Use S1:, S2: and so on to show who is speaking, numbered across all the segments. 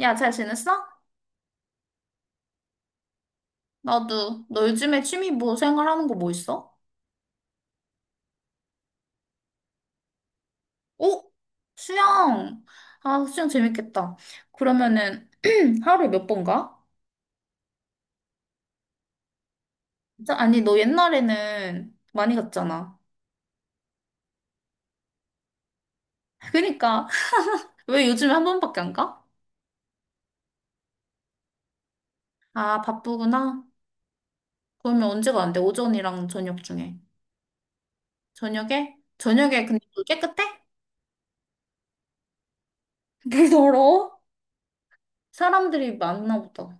S1: 야, 잘 지냈어? 나도. 너 요즘에 취미 뭐 생활하는 거 뭐 있어? 오? 수영. 아, 수영 재밌겠다. 그러면은 하루에 몇 번 가? 진짜? 아니, 너 옛날에는 많이 갔잖아. 그니까 왜 요즘에 한 번밖에 안 가? 아, 바쁘구나. 그러면 언제 가는데? 오전이랑 저녁 중에. 저녁에? 저녁에 근데 물 깨끗해? 물 더러워? 사람들이 많나 보다.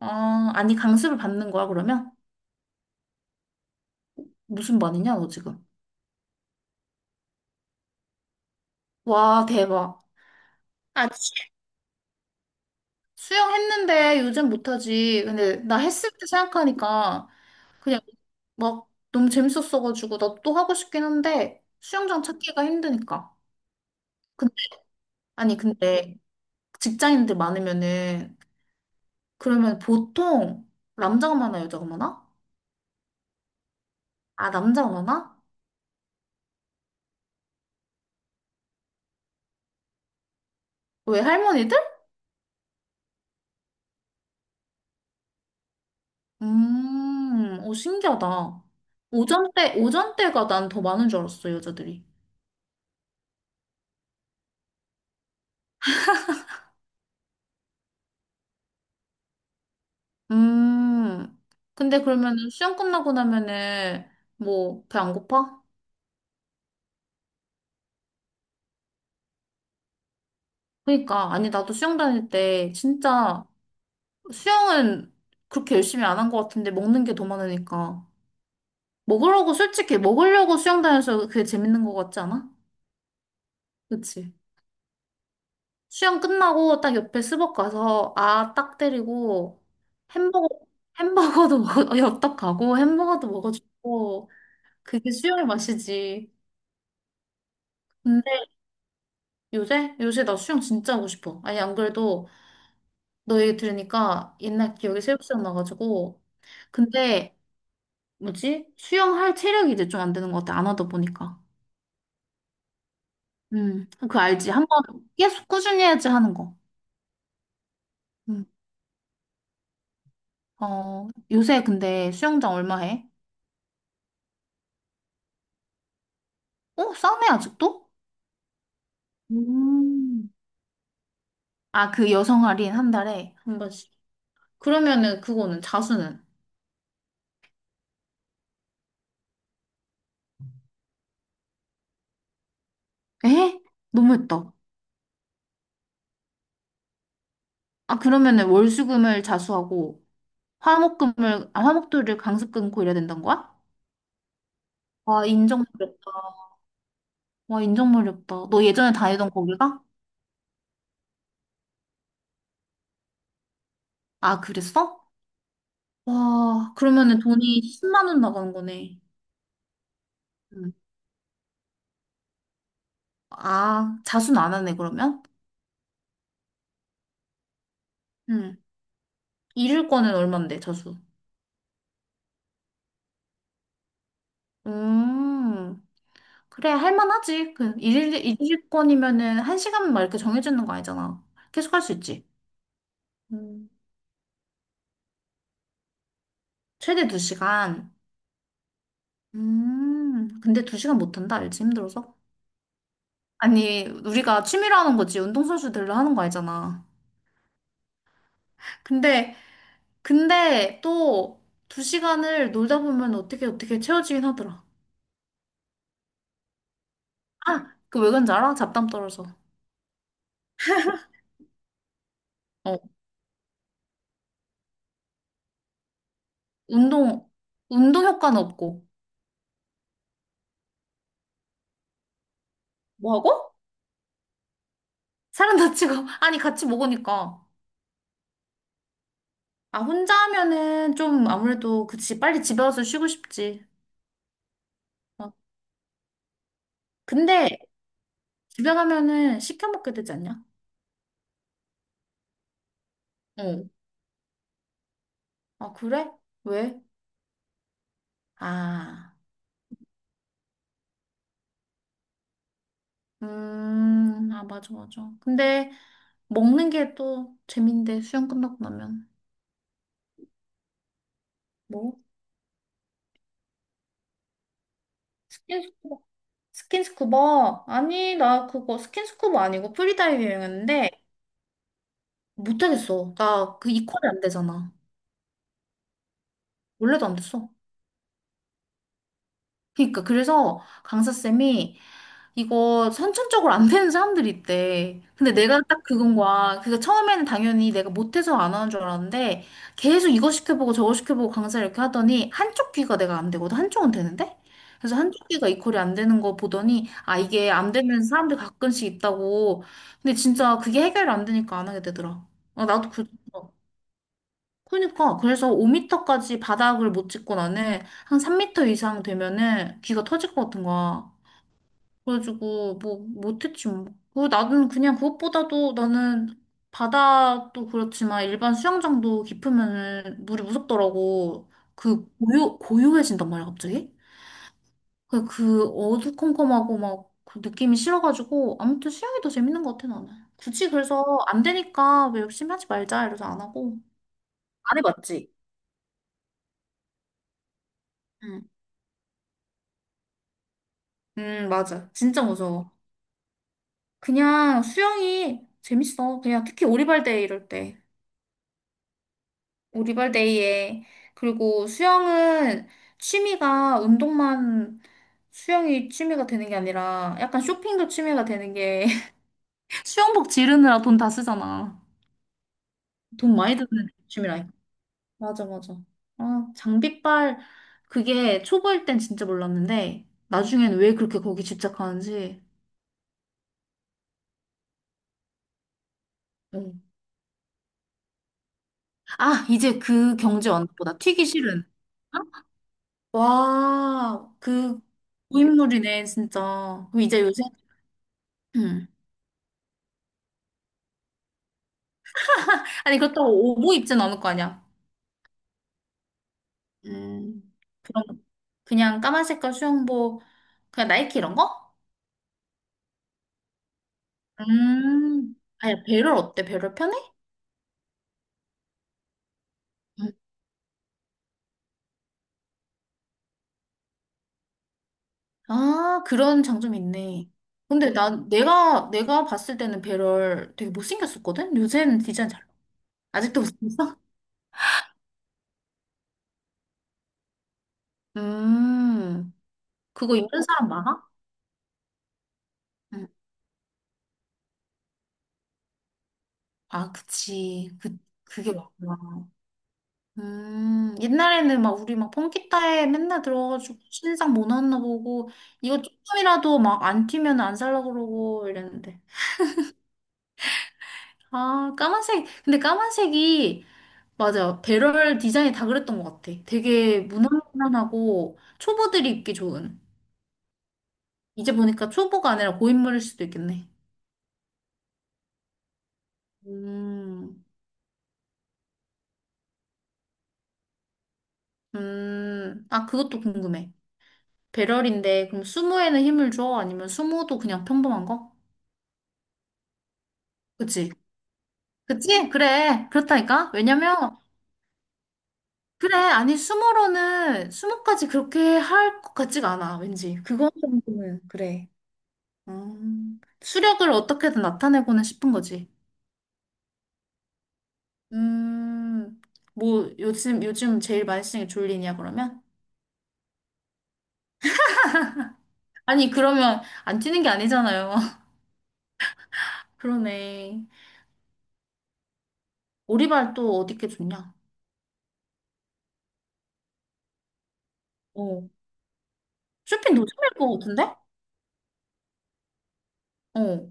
S1: 아, 아니 강습을 받는 거야, 그러면? 무슨 반이냐, 너 지금? 와, 대박. 아, 치- 수영했는데 요즘 못하지. 근데 나 했을 때 생각하니까 그냥 막 너무 재밌었어가지고 나 또 하고 싶긴 한데 수영장 찾기가 힘드니까. 근데, 아니, 근데 직장인들 많으면은 그러면 보통 남자가 많아, 여자가 많아? 아, 남자가 많아? 왜 할머니들? 오, 신기하다. 오전 때가 난 더 많은 줄 알았어, 여자들이. 음. 근데 그러면은 수영 끝나고 나면은 뭐 배 안 고파? 그러니까 아니 나도 수영 다닐 때 진짜 수영은 그렇게 열심히 안 한 것 같은데 먹는 게 더 많으니까 먹으려고 솔직히 먹으려고 수영 다녀서 그게 재밌는 것 같지 않아? 그치? 수영 끝나고 딱 옆에 스벅 가서 아 딱 때리고 햄버거 햄버거도 먹어 엽떡 가고 햄버거도 먹어주고 그게 수영의 맛이지. 음. 요새? 요새 나 수영 진짜 하고 싶어. 아니, 안 그래도 너 얘기 들으니까 옛날 기억이 새록 생각나가지고. 근데, 뭐지? 수영할 체력이 이제 좀 안 되는 것 같아. 안 하다 보니까. 그거 알지? 한 번 계속 꾸준히 해야지 하는 거. 음. 어, 요새 근데 수영장 얼마 해? 어? 싸네, 아직도? 음. 아, 그 여성 할인 한 달에 한 번씩. 그러면은 그거는 자수는? 에? 너무했다. 아, 그러면은 월수금을 자수하고 화목금을, 아, 화목도를 강습 끊고 이래야 된다는 거야? 와, 인정머리다 와, 인정머리다너 예전에 다니던 거기가? 아, 그랬어? 와, 그러면은 돈이 10만 원 나가는 거네. 응. 아, 자수는 안 하네, 그러면? 응. 잃을 거는 얼만데, 자수? 음, 그래, 할만하지. 그, 잃을 건이면은 한 시간 막 이렇게 정해지는 거 아니잖아. 계속 할 수 있지. 음, 최대 두 시간. 근데 두 시간 못 한다, 알지? 힘들어서. 아니, 우리가 취미로 하는 거지. 운동선수들로 하는 거 아니잖아. 근데, 근데 또 두 시간을 놀다 보면 어떻게 어떻게 채워지긴 하더라. 아, 그 왜 그런지 알아? 잡담 떨어져. 어, 운동, 운동 효과는 없고. 뭐하고? 사람 다치고. 아니, 같이 먹으니까. 아, 혼자 하면은 좀 아무래도 그치. 빨리 집에 와서 쉬고 싶지. 어. 근데 집에 가면은 시켜 먹게 되지 않냐? 어. 아, 그래? 왜? 아. 아, 맞아, 맞아. 근데 먹는 게 또 재밌는데, 수영 끝나고 나면. 뭐? 스킨스쿠버. 스킨스쿠버? 아니, 나 그거 스킨스쿠버 아니고 프리다이빙했는데, 못하겠어. 나 그 이퀄이 안 되잖아. 원래도 안 됐어. 그니까, 그래서 강사쌤이 이거 선천적으로 안 되는 사람들이 있대. 근데 내가 딱 그건 거야. 그니까 처음에는 당연히 내가 못해서 안 하는 줄 알았는데 계속 이거 시켜보고 저거 시켜보고 강사를 이렇게 하더니 한쪽 귀가 내가 안 되거든. 한쪽은 되는데? 그래서 한쪽 귀가 이퀄이 안 되는 거 보더니 아 이게 안 되는 사람들 가끔씩 있다고. 근데 진짜 그게 해결이 안 되니까 안 하게 되더라. 아, 나도 그 어. 그러니까 그래서 5m까지 바닥을 못 찍고 나는 한 3m 이상 되면은 귀가 터질 것 같은 거야. 그래가지고 뭐 못했지 뭐. 그 나는 그냥 그것보다도 나는 바다도 그렇지만 일반 수영장도 깊으면은 물이 무섭더라고. 그 고요해진단 말이야 갑자기. 그 어두컴컴하고 막 그 느낌이 싫어가지고 아무튼 수영이 더 재밌는 것 같아 나는. 굳이 그래서 안 되니까 왜 열심히 하지 말자 이래서 안 하고. 안 해봤지? 응. 응 맞아. 진짜 무서워. 그냥 수영이 재밌어. 그냥 특히 오리발 데이 이럴 때. 우리발데이에 그리고 수영은 취미가 운동만 수영이 취미가 되는 게 아니라 약간 쇼핑도 취미가 되는 게 수영복 지르느라 돈 다 쓰잖아. 돈 많이 드는 취미라니까. 맞아, 맞아. 아, 장비빨 그게 초보일 땐 진짜 몰랐는데 나중엔 왜 그렇게 거기 집착하는지. 응. 아, 이제 그 경제 완납보다 튀기 싫은. 어? 와, 그 고인물이네, 진짜. 그럼 이제 요새 응. 아니, 그렇다고 오보 입진 않을 거 아니야. 음, 그럼 그냥 까만 색깔 수영복, 그냥 나이키 이런 거? 음. 아니, 배럴 어때? 배럴 편해? 음. 아, 그런 장점이 있네. 근데 난 내가 봤을 때는 배럴 되게 못생겼었거든? 요새는 디자인 잘 나와. 아직도 못생겼어? 음. 그거 입는 사람 많아? 응. 아, 그치. 그 그게 맞구나. 옛날에는 막 우리 막 펑키타에 맨날 들어가지고 신상 뭐 나왔나 보고 이거 조금이라도 막 안 튀면 안 살라고 그러고 이랬는데. 아, 까만색. 근데 까만색이 맞아. 배럴 디자인이 다 그랬던 것 같아. 되게 무난무난하고 초보들이 입기 좋은. 이제 보니까 초보가 아니라 고인물일 수도 있겠네. 음, 아, 그것도 궁금해. 배럴인데 그럼 수무에는 힘을 줘? 아니면 수무도 그냥 평범한 거? 그치? 그치? 그래. 그렇다니까? 왜냐면, 그래. 아니, 수모로는, 수모까지 그렇게 할 것 같지가 않아. 왠지. 그거 정도는, 그래. 수력을 어떻게든 나타내고는 싶은 거지. 음, 뭐, 요즘 제일 많이 쓰는 게 졸린이야, 그러면? 아니, 그러면 안 뛰는 게 아니잖아요. 그러네. 오리발 또 어디 게 좋냐? 어. 쇼핑 노점일 것 같은데? 어.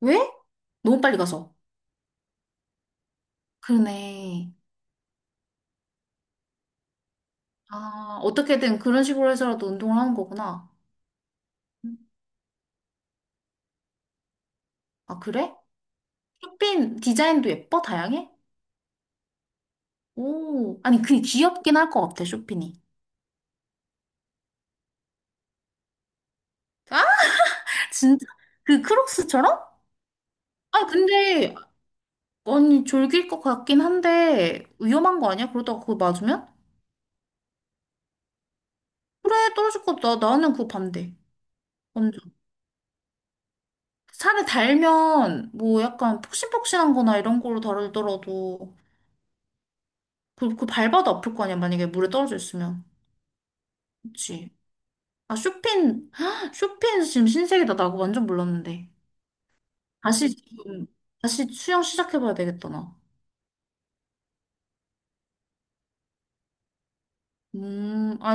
S1: 왜? 너무 빨리 가서. 그러네. 아, 어떻게든 그런 식으로 해서라도 운동을 하는 거구나. 음. 아, 그래? 쇼핑 디자인도 예뻐? 다양해? 오, 아니, 그 귀엽긴 할 것 같아, 쇼핑이. 아? 진짜? 그 크록스처럼? 아, 근데, 아니, 졸길 것 같긴 한데, 위험한 거 아니야? 그러다가 그거 맞으면? 그래, 떨어질 것 같아. 나- 나는 그거 반대. 완전. 살을 달면, 뭐, 약간 폭신폭신한 거나 이런 걸로 다르더라도, 그 발바도 아플 거 아니야, 만약에 물에 떨어져 있으면. 그치? 아, 쇼핀, 헉, 쇼핀 지금 신세계다. 나 그거 완전 몰랐는데. 다시 지금, 다시 수영 시작해봐야 되겠다, 나. 아니.